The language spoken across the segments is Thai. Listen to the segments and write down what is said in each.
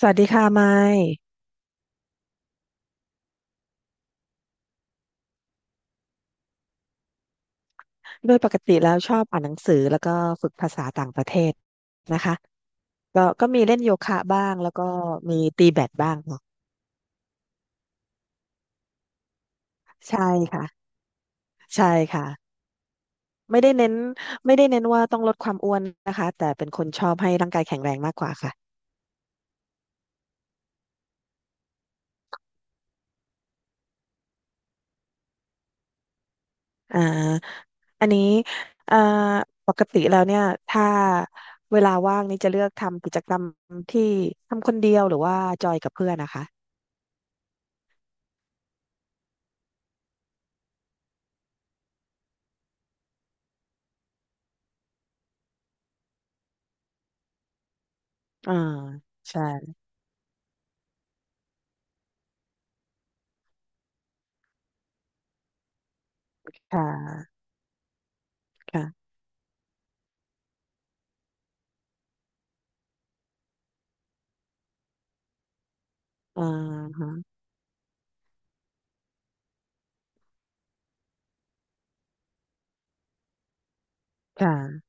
สวัสดีค่ะไมค์โดยปกติแล้วชอบอ่านหนังสือแล้วก็ฝึกภาษาต่างประเทศนะคะก็มีเล่นโยคะบ้างแล้วก็มีตีแบดบ้างเนาะใช่ค่ะใช่ค่ะไม่ได้เน้นไม่ได้เน้นว่าต้องลดความอ้วนนะคะแต่เป็นค่ะอ่าอันนี้อ่าปกติแล้วเนี่ยถ้าเวลาว่างนี่จะเลือกทำกิจกรรมที่ทำคนเดียวหรือว่าจอยกับเพื่อนนะคะอ่าใช่ค่ะค่ะอ่าฮะค่ะ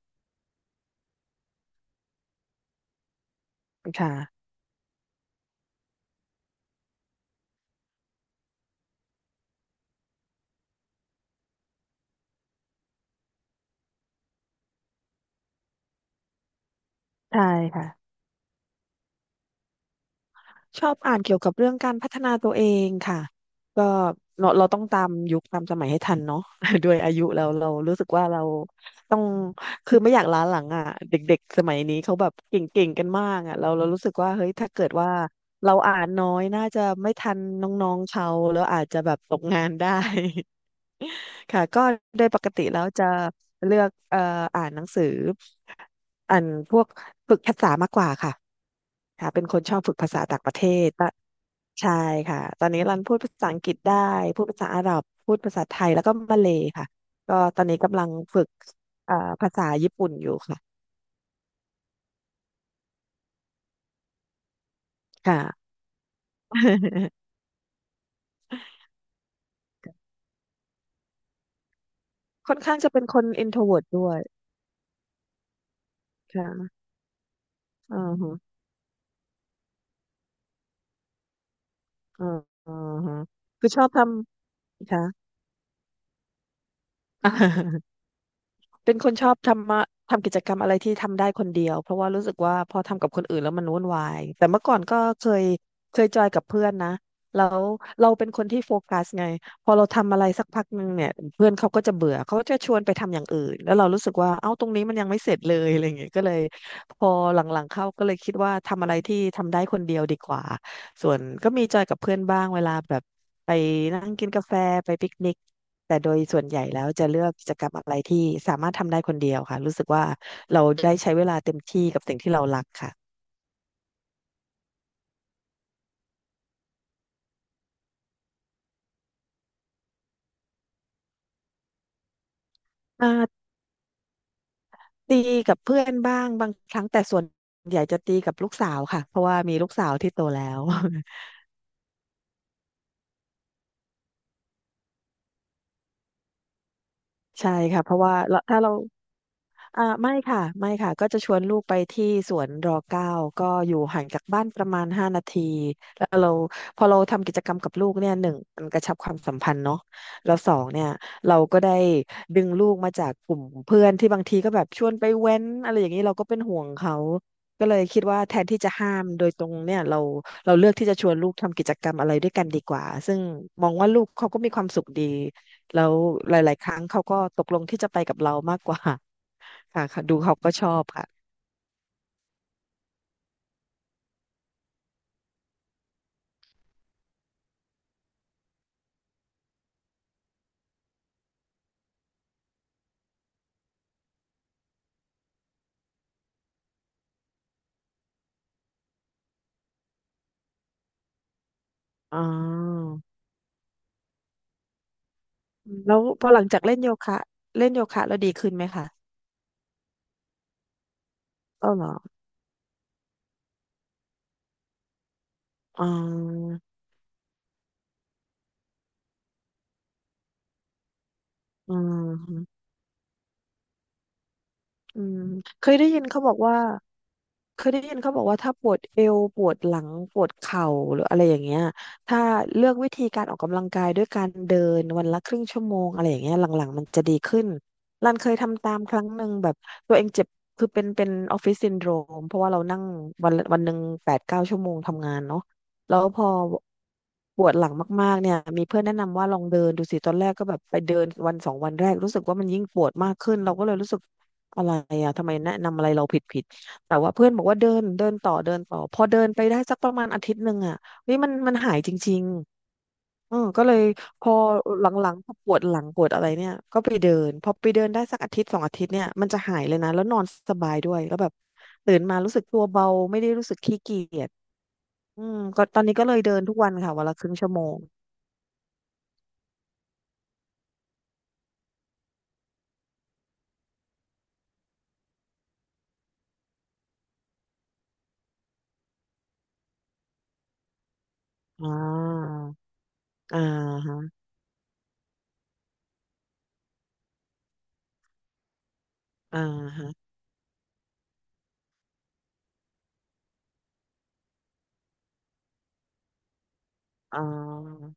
ค่ะ ใช่ค่ะชอบอ่านเกี่ยวกับเรื่องการพัฒนาตัวเองค่ะก็เราต้องตามยุคตามสมัยให้ทันเนาะ ด้วยอายุเรารู้สึกว่าเราต้องคือไม่อยากล้าหลังอ่ะเด็กๆสมัยนี้เขาแบบเก่งๆกันมากอ่ะเรารู้สึกว่าเฮ้ยถ้าเกิดว่าเราอ่านน้อยน่าจะไม่ทันน้องๆเขาแล้วอาจจะแบบตกงานได้ ค่ะก็โดยปกติแล้วจะเลือกอ่านหนังสืออ่านพวกฝึกภาษามากกว่าค่ะค่ะเป็นคนชอบฝึกภาษาต่างประเทศตะใช่ค่ะตอนนี้รันพูดภาษาอังกฤษได้พูดภาษาอาหรับพูดภาษาไทยแล้วก็มาเลย์ค่ะก็ตอนนี้กำลังฝึกเอ่อภาษาญี่ปุ่นอยู่ค่ะค่ะ ค่อนข้างจะเป็นคน introvert ด้วยค่ะอ่าฮะอ่าฮะคือชอบทำค่ะ เป็นคนชอบทำมาทำกิจกรรมอะไรที่ทำได้คนเดียวเพราะว่ารู้สึกว่าพอทำกับคนอื่นแล้วมันวุ่นวายแต่เมื่อก่อนก็เคยเคยจอยกับเพื่อนนะแล้วเราเป็นคนที่โฟกัสไงพอเราทำอะไรสักพักหนึ่งเนี่ยเพื่อนเขาก็จะเบื่อเขาก็จะชวนไปทำอย่างอื่นแล้วเรารู้สึกว่าเอ้าตรงนี้มันยังไม่เสร็จเลยอะไรอย่างเงี้ยก็เลยพอหลังๆเข้าก็เลยคิดว่าทำอะไรที่ทำได้คนเดียวดีกว่า ส่วนก็มีจอยกับเพื่อนบ้างเวลาแบบไปนั่งกินกาแฟไปปิกนิกแต่โดยส่วนใหญ่แล้วจะเลือกกิจกรรมอะไรที่สามารถทำได้คนเดียวค่ะรู้สึกว่าเราได้ใช้เวลาเต็มที่กับสิ่งที่เรารักค่ะอ่าตีกับเพื่อนบ้างบางครั้งแต่ส่วนใหญ่จะตีกับลูกสาวค่ะเพราะว่ามีลูกสาวที่โตแล้ว ใช่ค่ะเพราะว่าเราถ้าเรา อ่าไม่ค่ะไม่ค่ะก็จะชวนลูกไปที่สวนรอเก้าก็อยู่ห่างจากบ้านประมาณ5 นาทีแล้วเราพอเราทำกิจกรรมกับลูกเนี่ยหนึ่งมันกระชับความสัมพันธ์เนาะแล้วสองเนี่ยเราก็ได้ดึงลูกมาจากกลุ่มเพื่อนที่บางทีก็แบบชวนไปเว้นอะไรอย่างนี้เราก็เป็นห่วงเขาก็เลยคิดว่าแทนที่จะห้ามโดยตรงเนี่ยเราเราเลือกที่จะชวนลูกทำกิจกรรมอะไรด้วยกันดีกว่าซึ่งมองว่าลูกเขาก็มีความสุขดีแล้วหลายๆครั้งเขาก็ตกลงที่จะไปกับเรามากกว่า ค่ะค่ะดูเขาก็ชอบค่ะอ๋อแล้วพอหลังจากเล่นโยคะเล่นโยคะแล้วดีขึ้นไหมคะก็เหรออ๋ออืม อืมเคยได้ยินเขาบอกว่าเคยได้ยินเขาบอกว่าถ้าปวดเอวปวดหลังปวดเข่าหรืออะไรอย่างเงี้ยถ้าเลือกวิธีการออกกำลังกายด้วยการเดินวันละครึ่งชั่วโมงอะไรอย่างเงี้ยหลังๆมันจะดีขึ้นรันเคยทำตามครั้งหนึ่งแบบตัวเองเจ็บคือเป็นออฟฟิศซินโดรมเพราะว่าเรานั่งวันละวันหนึ่ง8-9 ชั่วโมงทำงานเนาะแล้วพอปวดหลังมากๆเนี่ยมีเพื่อนแนะนำว่าลองเดินดูสิตอนแรกก็แบบไปเดินวันสองวันแรกรู้สึกว่ามันยิ่งปวดมากขึ้นเราก็เลยรู้สึก อะไรอะทำไมแนะนำอะไรเราผิดผิดแต่ว่าเพื่อนบอกว่าเดินเดินต่อเดินต่อพอเดินไปได้สักประมาณอาทิตย์หนึ่งอะเฮ้ยมันหายจริงๆเออก็เลยพอหลังๆพอปวดหลังปวดอะไรเนี่ยก็ไปเดินพอไปเดินได้สักอาทิตย์สองอาทิตย์เนี่ยมันจะหายเลยนะแล้วนอนสบายด้วยแล้วแบบตื่นมารู้สึกตัวเบาไม่ได้รู้สึกขี้เกียจอืมก็ตอนนี้ก็เลยเดินทุกวันค่ะวันละครึ่งชั่วโมงอ่าอ่าฮะอ่าฮะอ่า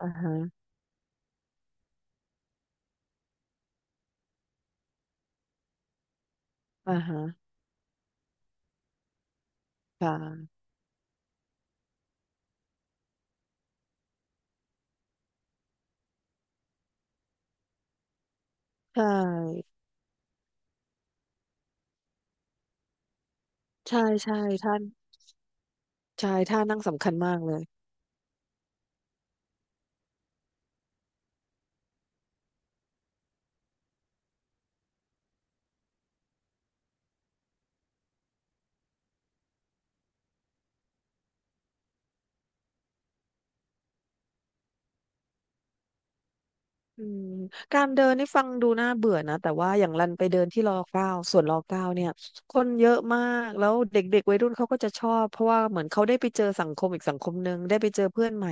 อ่าฮะอ่าฮะค่ะใช่ ใช่ใช่ท่าใช่ท่านั่งสำคัญมากเลย อืมการเดินนี่ฟังดูน่าเบื่อนะแต่ว่าอย่างรันไปเดินที่รอเก้าสวนรอเก้าเนี่ยคนเยอะมากแล้วเด็กๆวัยรุ่นเขาก็จะชอบเพราะว่าเหมือนเขาได้ไปเจอสังคมอีกสังคมหนึ่งได้ไปเจอเพื่อนใหม่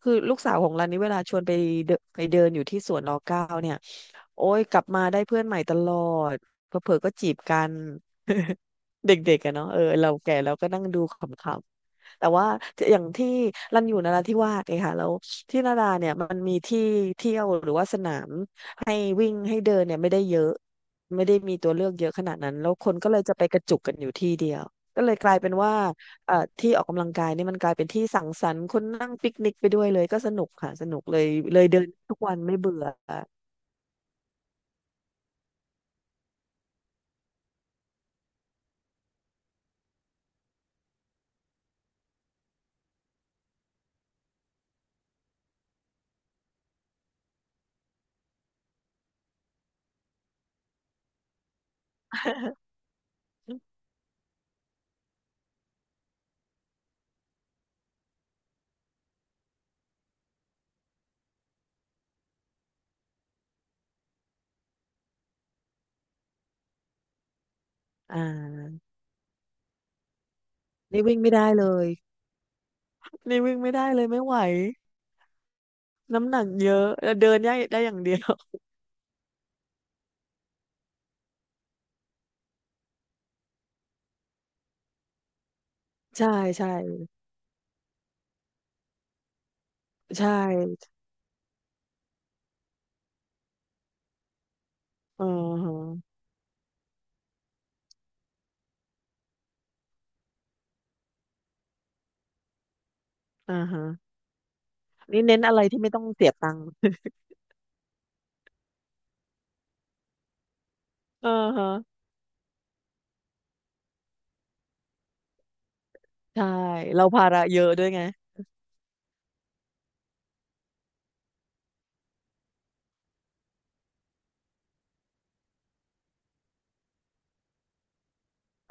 คือลูกสาวของรันนี่เวลาชวนไปเดินอยู่ที่สวนรอเก้าเนี่ยโอ้ยกลับมาได้เพื่อนใหม่ตลอดเผลอๆก็จีบกัน เด็กๆอะเนาะเออเราแก่เราก็นั่งดูขำๆแต่ว่าอย่างที่รันอยู่นราธิวาสไงค่ะแล้ว ที่นาดาเนี่ยมันมีที่เที่ยวหรือว่าสนามให้วิ่งให้เดินเนี่ยไม่ได้เยอะไม่ได้มีตัวเลือกเยอะขนาดนั้นแล้วคนก็เลยจะไปกระจุกกันอยู่ที่เดียวก็เลยกลายเป็นว่าที่ออกกำลังกายเนี่ยมันกลายเป็นที่สังสรรค์คนนั่งปิกนิกไปด้วยเลยก็สนุกค่ะสนุกเลยเลยเดินทุกวันไม่เบื่อ อ่านี่วิ่งไม่ได้เลยนี่วิ่งไม่ได้เลยไม่ไหวน้ำหนักเยอะเดินได้ได้อย่างเดียวใช่ใช่ใช่อ๋อฮะอ่าฮะ นี่เน้นอะไรที่ไม่ต้องเสียตังค์ เออฮะใช่ เราภาระเยอะด้วยไง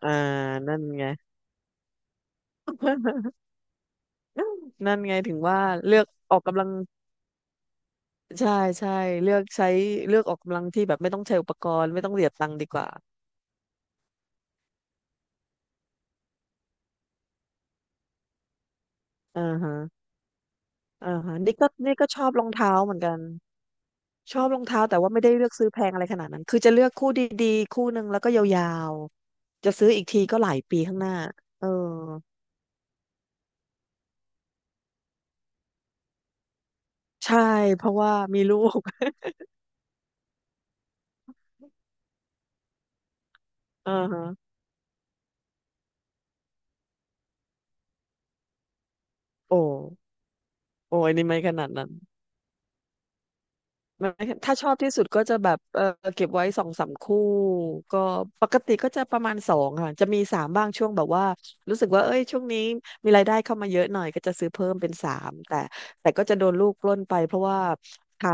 อ่านั่นไง นั่นไงถึงว่าเลือกออกกำลัง ใช่ใช่เลือกใช้เลือกออกกำลังที่แบบไม่ต้องใช้อุปกรณ์ไม่ต้องเสียตังค์ดีกว่าอ่าฮะอ่าฮะนี่ก็นี่ก็ชอบรองเท้าเหมือนกัน ชอบรองเท้าแต่ว่าไม่ได้เลือกซื้อแพงอะไรขนาดนั้นคือจะเลือกคู่ดีๆคู่หนึ่งแล้วก็ยาวๆจะซื้ออีกทีก็หลายปีข้างหน้าเออใช่เพราะว่ามีลูก อ่าฮะโอ้ โอ้ยนี่ไม่ขนาดนั้นไม่ถ้าชอบที่สุดก็จะแบบเออเก็บไว้สองสามคู่ ก็ปกติก็จะประมาณสองค่ะ จะมีสามบ้างช่วงแบบว่า รู้สึกว่าเอ้ยช่วงนี้มีรายได้เข้ามาเยอะหน่อยก็จะซื้อเพิ่มเป็นสามแต่แต่ก็จะโดนลูกปล้นไปเพราะว่าเขา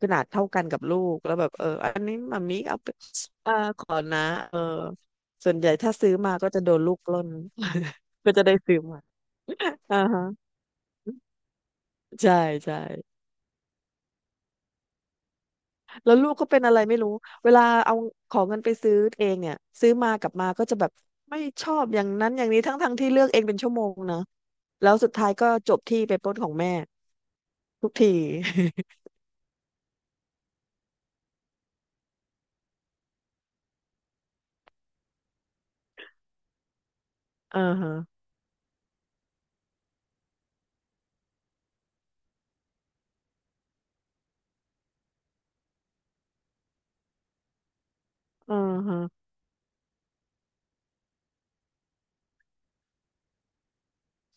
ขนาดเท่ากันกับลูกแล้วแบบเอออันนี้มัมมี่เอาไปเอ่าขอนะเออส่วนใหญ่ถ้าซื้อมาก็จะโดนลูกปล้น ก็จะได้ซื้อมาอ่าฮะใช่ใช่ แล้วลูกก็เป็นอะไรไม่รู้ เวลาเอาขอเงินไปซื้อเองเนี่ยซื้อมากลับมาก็จะแบบไม่ชอบอย่างนั้นอย่างนี้ทั้งที่เลือกเองเป็นชั่วโมงนะแล้วสุดท้ายก็จบที่ไปปล้นของแม่ทุกที อ่าฮะอ่าฮะ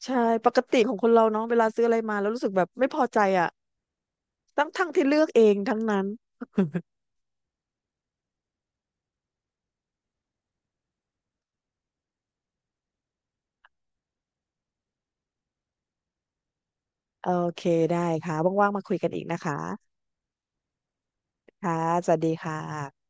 ใช่ปกติของคนเราเนาะเวลาซื้ออะไรมาแล้วรู้สึกแบบไม่พอใจอ่ะทั้งที่เลือกเองทั้งนั้น โอเคได้ค่ะว่างๆมาคุยกันอีกนะคะค่ะสวัสดีค่ะ